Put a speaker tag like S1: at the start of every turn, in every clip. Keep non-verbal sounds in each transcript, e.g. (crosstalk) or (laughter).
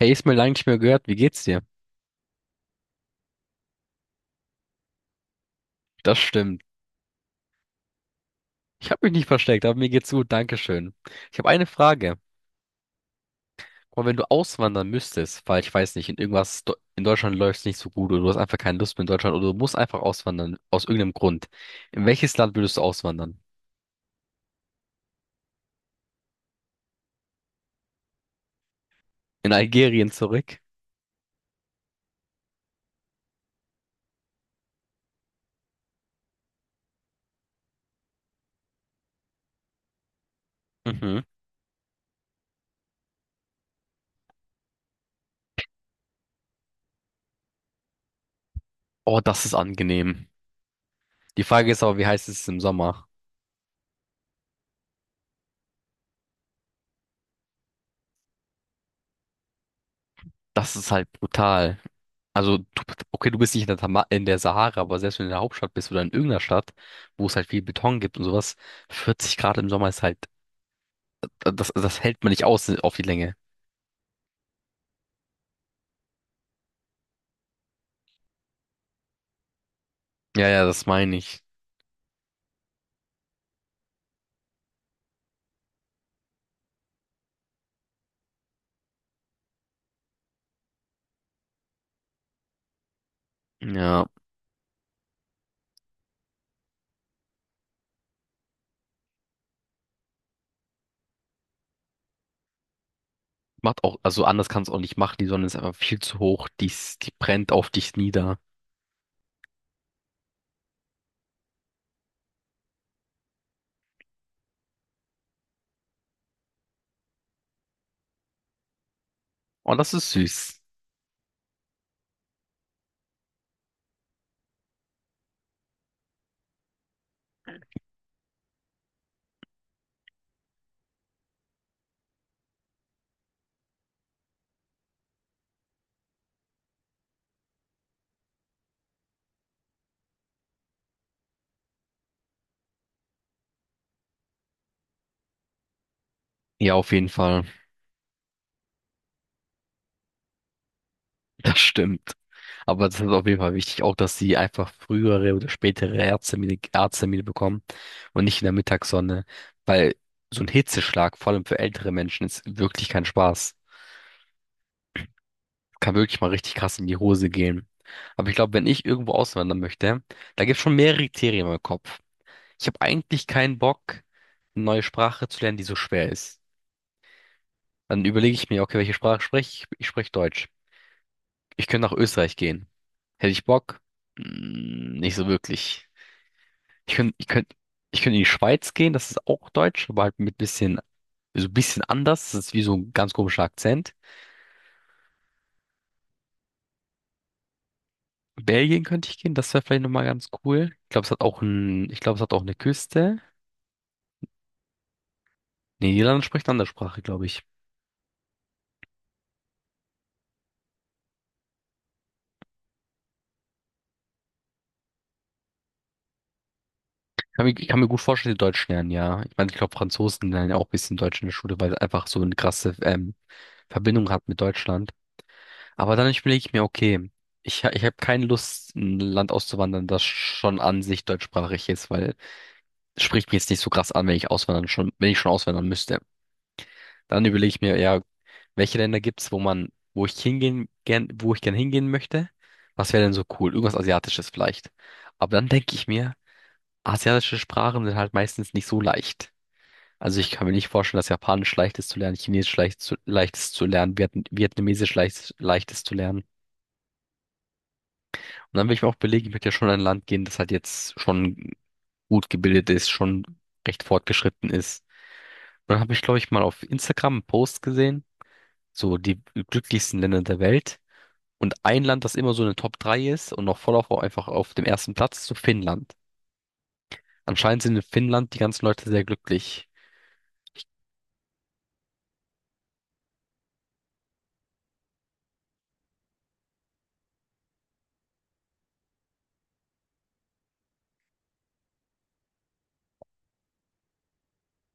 S1: Hey, ist mir lange nicht mehr gehört. Wie geht's dir? Das stimmt. Ich habe mich nicht versteckt, aber mir geht's gut. Dankeschön. Ich habe eine Frage. Aber wenn du auswandern müsstest, weil ich weiß nicht, in Deutschland läuft's nicht so gut oder du hast einfach keine Lust mehr in Deutschland oder du musst einfach auswandern aus irgendeinem Grund. In welches Land würdest du auswandern? In Algerien zurück? Mhm. Oh, das ist angenehm. Die Frage ist aber, wie heiß ist es im Sommer? Das ist halt brutal. Also, okay, du bist nicht in der, Tama in der Sahara, aber selbst wenn du in der Hauptstadt bist oder in irgendeiner Stadt, wo es halt viel Beton gibt und sowas, 40 Grad im Sommer ist halt, das hält man nicht aus auf die Länge. Ja, ja, das meine ich. Ja, macht auch, also anders kannst du auch nicht machen, die Sonne ist einfach viel zu hoch, die, die brennt auf dich nieder. Und das ist süß. Ja, auf jeden Fall. Das stimmt. Aber das ist auf jeden Fall wichtig, auch dass sie einfach frühere oder spätere Arzttermine, bekommen und nicht in der Mittagssonne, weil so ein Hitzeschlag, vor allem für ältere Menschen, ist wirklich kein Spaß. Kann wirklich mal richtig krass in die Hose gehen. Aber ich glaube, wenn ich irgendwo auswandern möchte, da gibt es schon mehrere Kriterien im Kopf. Ich habe eigentlich keinen Bock, eine neue Sprache zu lernen, die so schwer ist. Dann überlege ich mir, okay, welche Sprache spreche ich? Ich spreche Deutsch. Ich könnte nach Österreich gehen. Hätte ich Bock? Nicht so wirklich. Ich könnte, ich könnte, ich könnte in die Schweiz gehen, das ist auch Deutsch, aber halt mit bisschen, so ein bisschen anders. Das ist wie so ein ganz komischer Akzent. Belgien könnte ich gehen, das wäre vielleicht nochmal ganz cool. Ich glaube, es hat auch eine Küste. Nee, Niederlande spricht eine andere Sprache, glaube ich. Ich kann mir gut vorstellen, die Deutsch lernen, ja. Ich meine, ich glaube, Franzosen lernen ja auch ein bisschen Deutsch in der Schule, weil es einfach so eine krasse Verbindung hat mit Deutschland. Aber dann überlege ich mir, okay, ich habe keine Lust, in ein Land auszuwandern, das schon an sich deutschsprachig ist, weil spricht mich jetzt nicht so krass an, wenn ich schon auswandern müsste. Dann überlege ich mir, ja, welche Länder gibt's, wo ich gern hingehen möchte? Was wäre denn so cool? Irgendwas Asiatisches vielleicht. Aber dann denke ich mir, asiatische Sprachen sind halt meistens nicht so leicht. Also ich kann mir nicht vorstellen, dass Japanisch leicht ist zu lernen, Chinesisch leicht ist zu lernen, Vietnamesisch leicht ist zu lernen. Und dann will ich mir auch belegen, ich möchte ja schon in ein Land gehen, das halt jetzt schon gut gebildet ist, schon recht fortgeschritten ist. Dann habe ich, glaube ich, mal auf Instagram einen Post gesehen, so die glücklichsten Länder der Welt. Und ein Land, das immer so in den Top 3 ist und noch einfach auf dem ersten Platz, ist so Finnland. Anscheinend sind in Finnland die ganzen Leute sehr glücklich.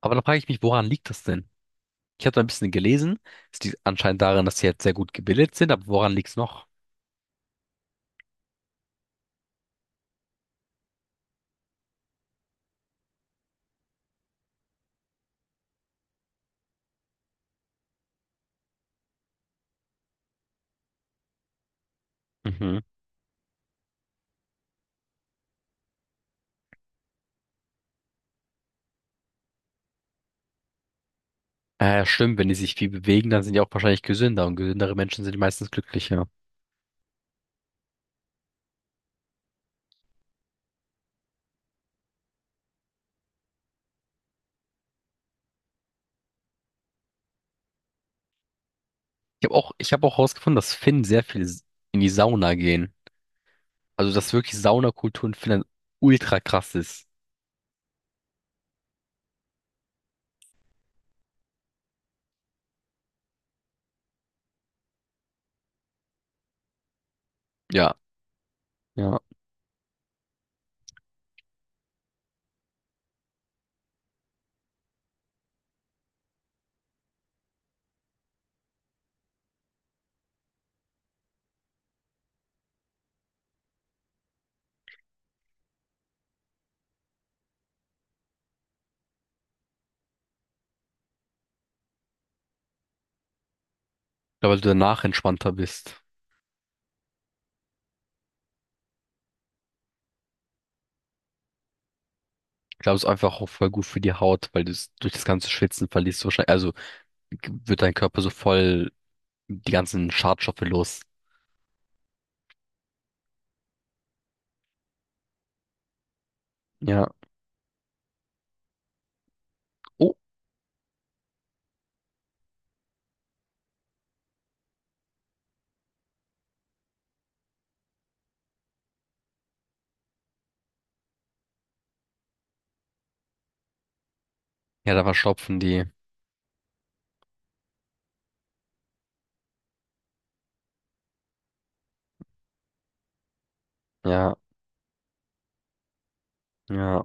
S1: Aber da frage ich mich, woran liegt das denn? Ich habe da ein bisschen gelesen. Es liegt anscheinend daran, dass sie halt sehr gut gebildet sind, aber woran liegt's noch? Mhm. Stimmt, wenn die sich viel bewegen, dann sind die auch wahrscheinlich gesünder und gesündere Menschen sind meistens glücklicher. Ich habe auch herausgefunden, dass Finnen sehr viel in die Sauna gehen. Also, dass wirklich Saunakultur in Finnland ultra krass ist. Ja, ja. Ich glaube, weil du danach entspannter bist. Ich glaube, es ist einfach auch voll gut für die Haut, weil du es durch das ganze Schwitzen verlierst du wahrscheinlich, also wird dein Körper so voll die ganzen Schadstoffe los. Ja. Oh, ja, da verstopfen die. Ja, ja.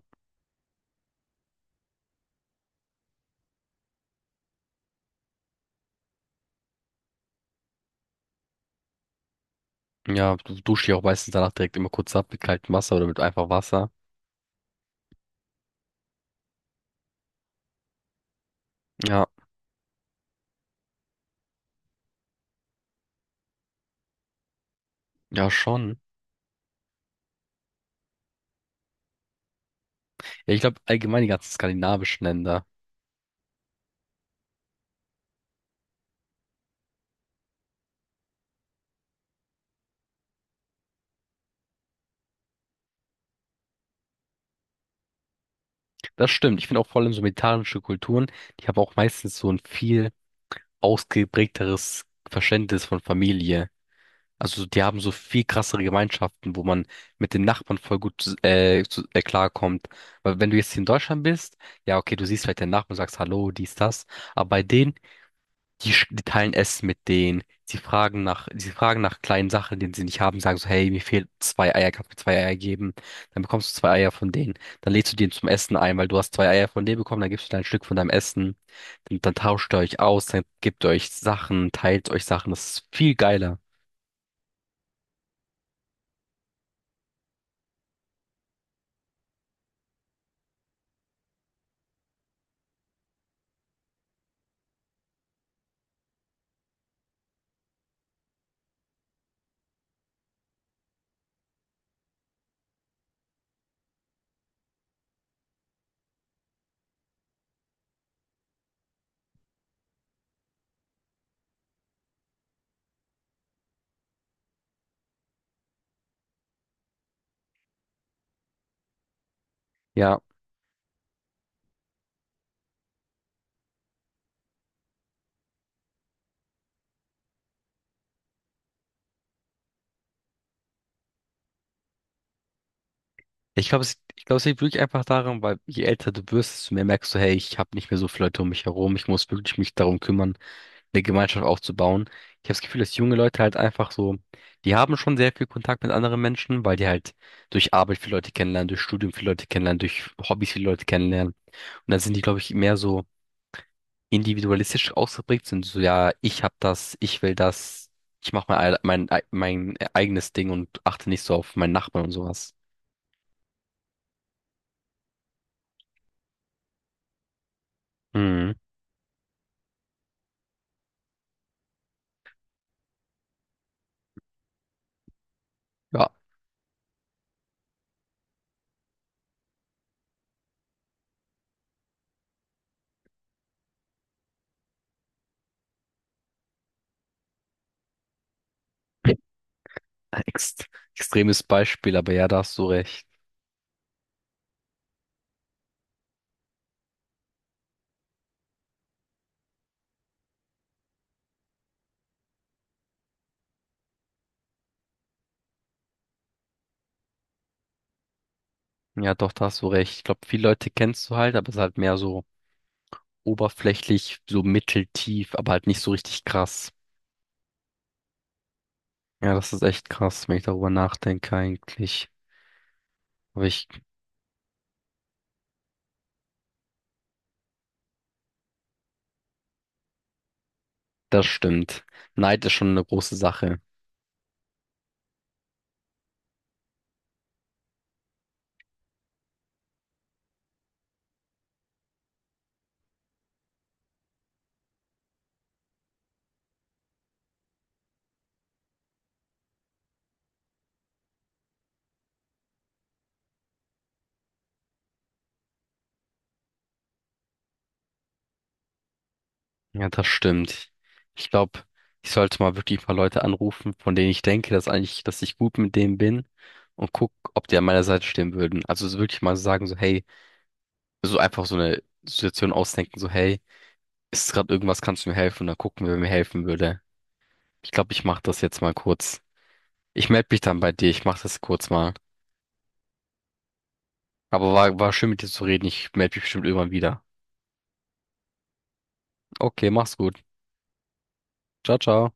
S1: Ja, du duschst dich auch meistens danach direkt immer kurz ab mit kaltem Wasser oder mit einfach Wasser. Ja, ja, schon. Ja, ich glaube, allgemein die ganzen skandinavischen Länder. Das stimmt. Ich finde auch vor allem so mediterranische Kulturen, die haben auch meistens so ein viel ausgeprägteres Verständnis von Familie. Also die haben so viel krassere Gemeinschaften, wo man mit den Nachbarn voll gut klarkommt. Weil wenn du jetzt hier in Deutschland bist, ja okay, du siehst vielleicht deinen Nachbarn und sagst Hallo, dies, das. Aber bei denen die, die teilen Essen mit denen. Sie fragen nach kleinen Sachen, die sie nicht haben, sagen so, hey, mir fehlen zwei Eier, kannst du mir zwei Eier geben? Dann bekommst du zwei Eier von denen. Dann lädst du die zum Essen ein, weil du hast zwei Eier von denen bekommen, dann gibst du dir ein Stück von deinem Essen. Dann tauscht ihr euch aus, dann gebt ihr euch Sachen, teilt euch Sachen. Das ist viel geiler. Ja. Ich glaube, es liegt wirklich einfach daran, weil je älter du wirst, desto mehr merkst du, hey, ich habe nicht mehr so viele Leute um mich herum, ich muss wirklich mich darum kümmern, eine Gemeinschaft aufzubauen. Ich habe das Gefühl, dass junge Leute halt einfach so, die haben schon sehr viel Kontakt mit anderen Menschen, weil die halt durch Arbeit viele Leute kennenlernen, durch Studium viele Leute kennenlernen, durch Hobbys viele Leute kennenlernen. Und dann sind die, glaube ich, mehr so individualistisch ausgeprägt, sind so, ja, ich hab das, ich will das, ich mache mein, mein eigenes Ding und achte nicht so auf meinen Nachbarn und sowas. Mhm. Ja, (laughs) Ex extremes Beispiel, aber ja, da hast du recht. Ja, doch, da hast du recht. Ich glaube, viele Leute kennst du halt, aber es ist halt mehr so oberflächlich so mitteltief, aber halt nicht so richtig krass. Ja, das ist echt krass, wenn ich darüber nachdenke eigentlich. Aber ich, Das stimmt. Neid ist schon eine große Sache. Ja, das stimmt. Ich glaube, ich sollte mal wirklich ein paar Leute anrufen, von denen ich denke, dass eigentlich, dass ich gut mit denen bin und guck, ob die an meiner Seite stehen würden. Also so wirklich mal sagen, so, hey, so einfach so eine Situation ausdenken, so, hey, ist gerade irgendwas, kannst du mir helfen? Und dann gucken, wer mir helfen würde. Ich glaube, ich mache das jetzt mal kurz. Ich melde mich dann bei dir. Ich mache das kurz mal. Aber war schön mit dir zu reden. Ich melde mich bestimmt irgendwann wieder. Okay, mach's gut. Ciao, ciao.